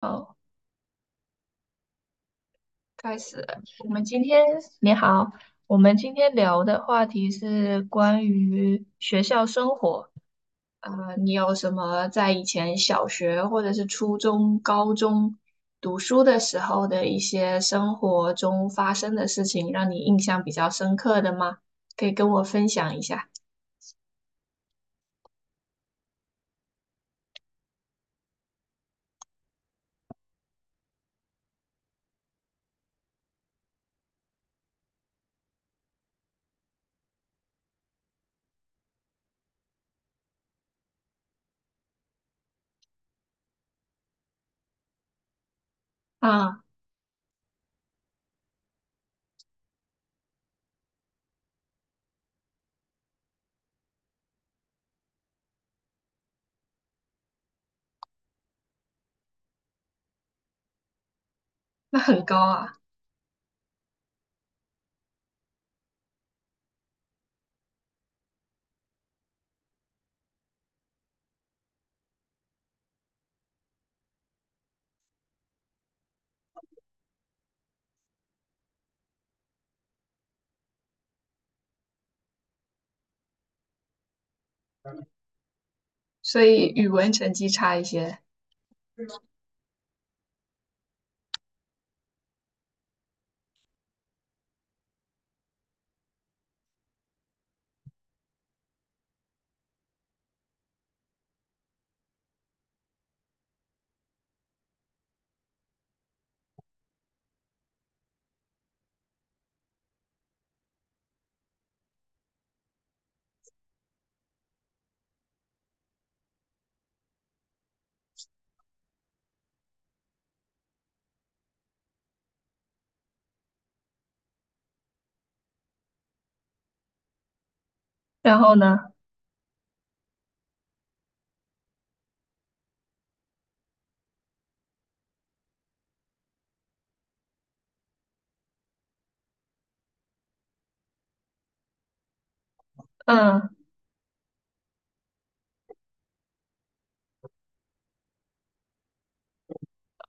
好，开始了我们今天，你好，我们今天聊的话题是关于学校生活。你有什么在以前小学或者是初中、高中读书的时候的一些生活中发生的事情，让你印象比较深刻的吗？可以跟我分享一下。啊，那很高啊，所以语文成绩差一些。然后呢？嗯，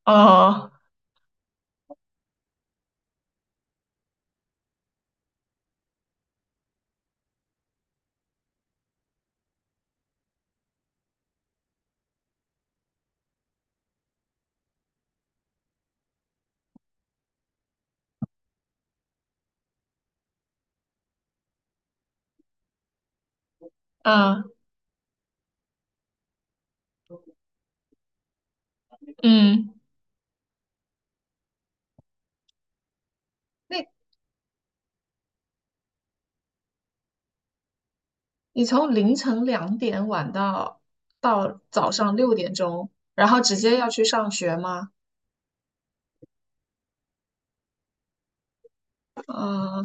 哦，嗯嗯。那。你从凌晨两点晚到早上六点钟，然后直接要去上学吗？嗯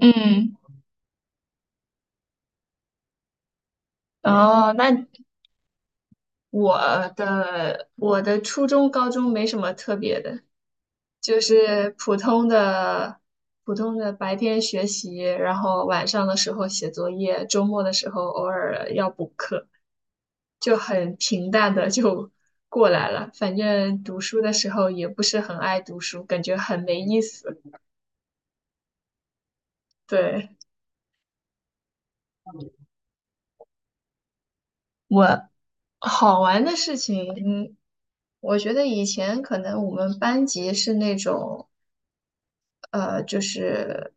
嗯，哦，那我我的初中、高中没什么特别的，就是普通的白天学习，然后晚上的时候写作业，周末的时候偶尔要补课，就很平淡的就过来了。反正读书的时候也不是很爱读书，感觉很没意思。对，我好玩的事情，我觉得以前可能我们班级是那种，呃，就是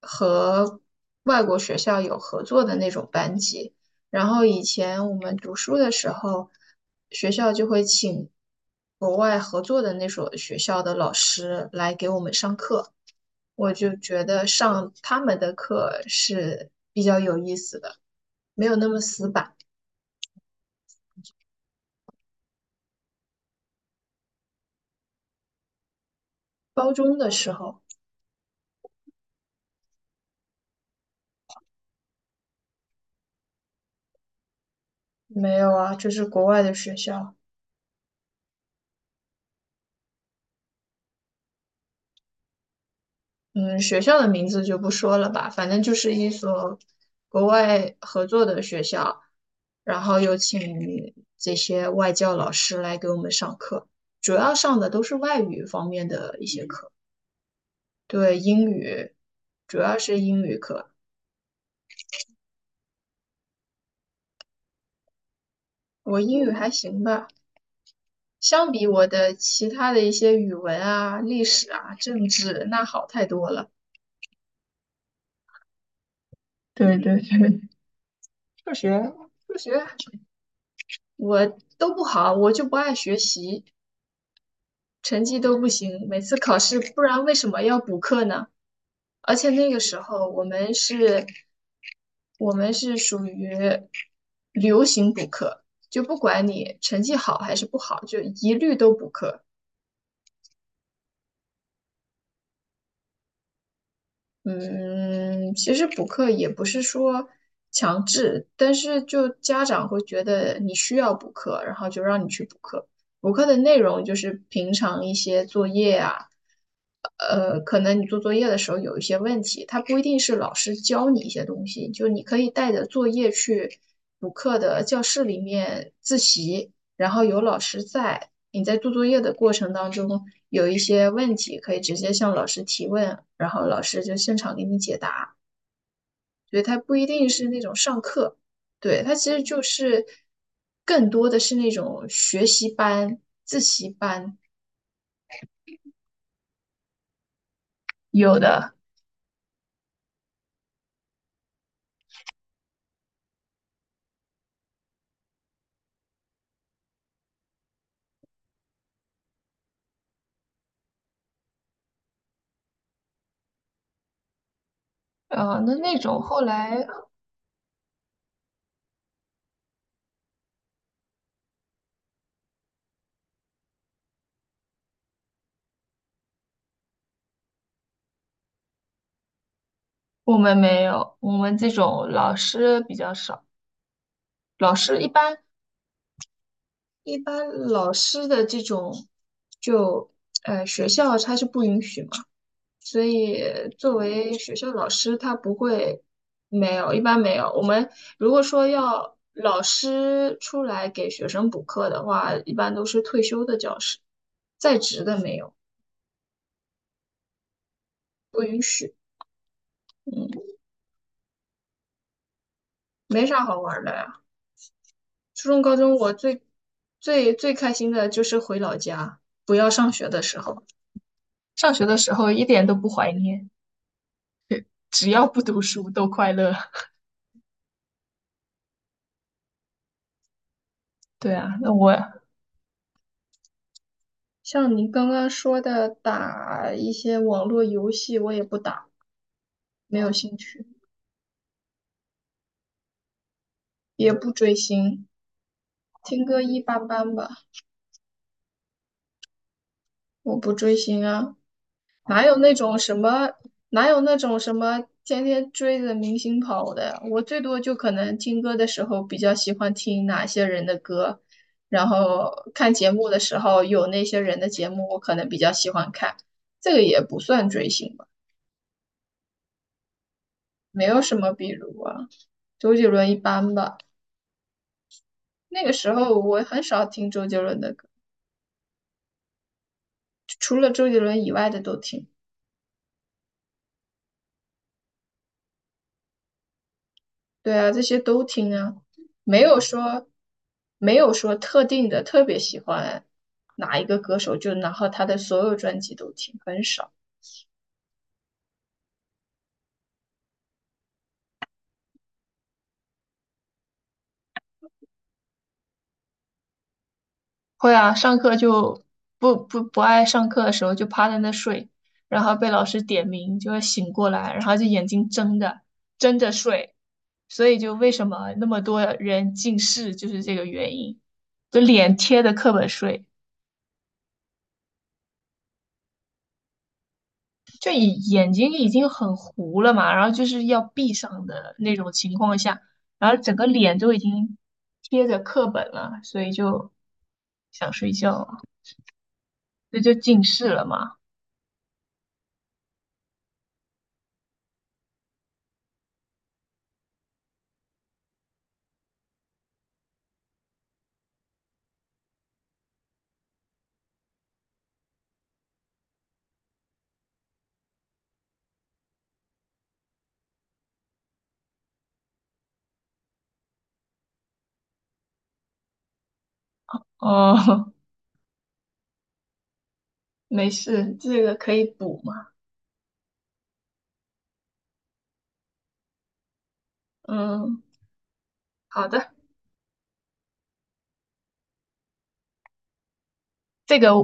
和外国学校有合作的那种班级。然后以前我们读书的时候，学校就会请国外合作的那所学校的老师来给我们上课，我就觉得上他们的课是比较有意思的，没有那么死板。高中的时候。没有啊，就是国外的学校，嗯，学校的名字就不说了吧，反正就是一所国外合作的学校，然后有请这些外教老师来给我们上课，主要上的都是外语方面的一些课，对，英语，主要是英语课，我英语还行吧，相比我的其他的一些语文啊、历史啊、政治，那好太多了。对对对，数学。数学。我都不好，我就不爱学习，成绩都不行，每次考试，不然为什么要补课呢？而且那个时候我们是，我们是属于流行补课，就不管你成绩好还是不好，就一律都补课。嗯，其实补课也不是说强制，但是就家长会觉得你需要补课，然后就让你去补课。补课的内容就是平常一些作业啊，可能你做作业的时候有一些问题，它不一定是老师教你一些东西，就你可以带着作业去补课的教室里面自习，然后有老师在，你在做作业的过程当中有一些问题，可以直接向老师提问，然后老师就现场给你解答。所以它不一定是那种上课，对，它其实就是更多的是那种学习班、自习班有的，那种后来我们没有，我们这种老师比较少，老师一般，一般老师的这种，就学校它是不允许嘛，所以作为学校老师，他不会没有，一般没有。我们如果说要老师出来给学生补课的话，一般都是退休的教师，在职的没有，不允许。嗯，没啥好玩儿的呀。初中、高中我最最开心的就是回老家，不要上学的时候。上学的时候一点都不怀念，只要不读书都快乐。对啊，那我像你刚刚说的打一些网络游戏，我也不打，没有兴趣，也不追星，听歌一般般吧，我不追星啊，哪有那种什么，哪有那种什么天天追着明星跑的，我最多就可能听歌的时候比较喜欢听哪些人的歌，然后看节目的时候有那些人的节目，我可能比较喜欢看，这个也不算追星吧，没有什么比如啊，周杰伦一般吧。那个时候我很少听周杰伦的歌，除了周杰伦以外的都听。对啊，这些都听啊，没有说没有说特定的特别喜欢哪一个歌手，就然后他的所有专辑都听，很少。会啊，上课就不爱上课的时候就趴在那睡，然后被老师点名就会醒过来，然后就眼睛睁着睡，所以就为什么那么多人近视就是这个原因，就脸贴着课本睡。就眼睛已经很糊了嘛，然后就是要闭上的那种情况下，然后整个脸都已经贴着课本了，所以就想睡觉了，这就近视了嘛。哦，没事，这个可以补嘛。嗯，好的，这个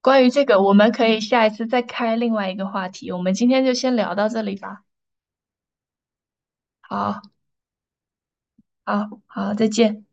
关于这个，我们可以下一次再开另外一个话题。我们今天就先聊到这里吧。好，好，好，再见。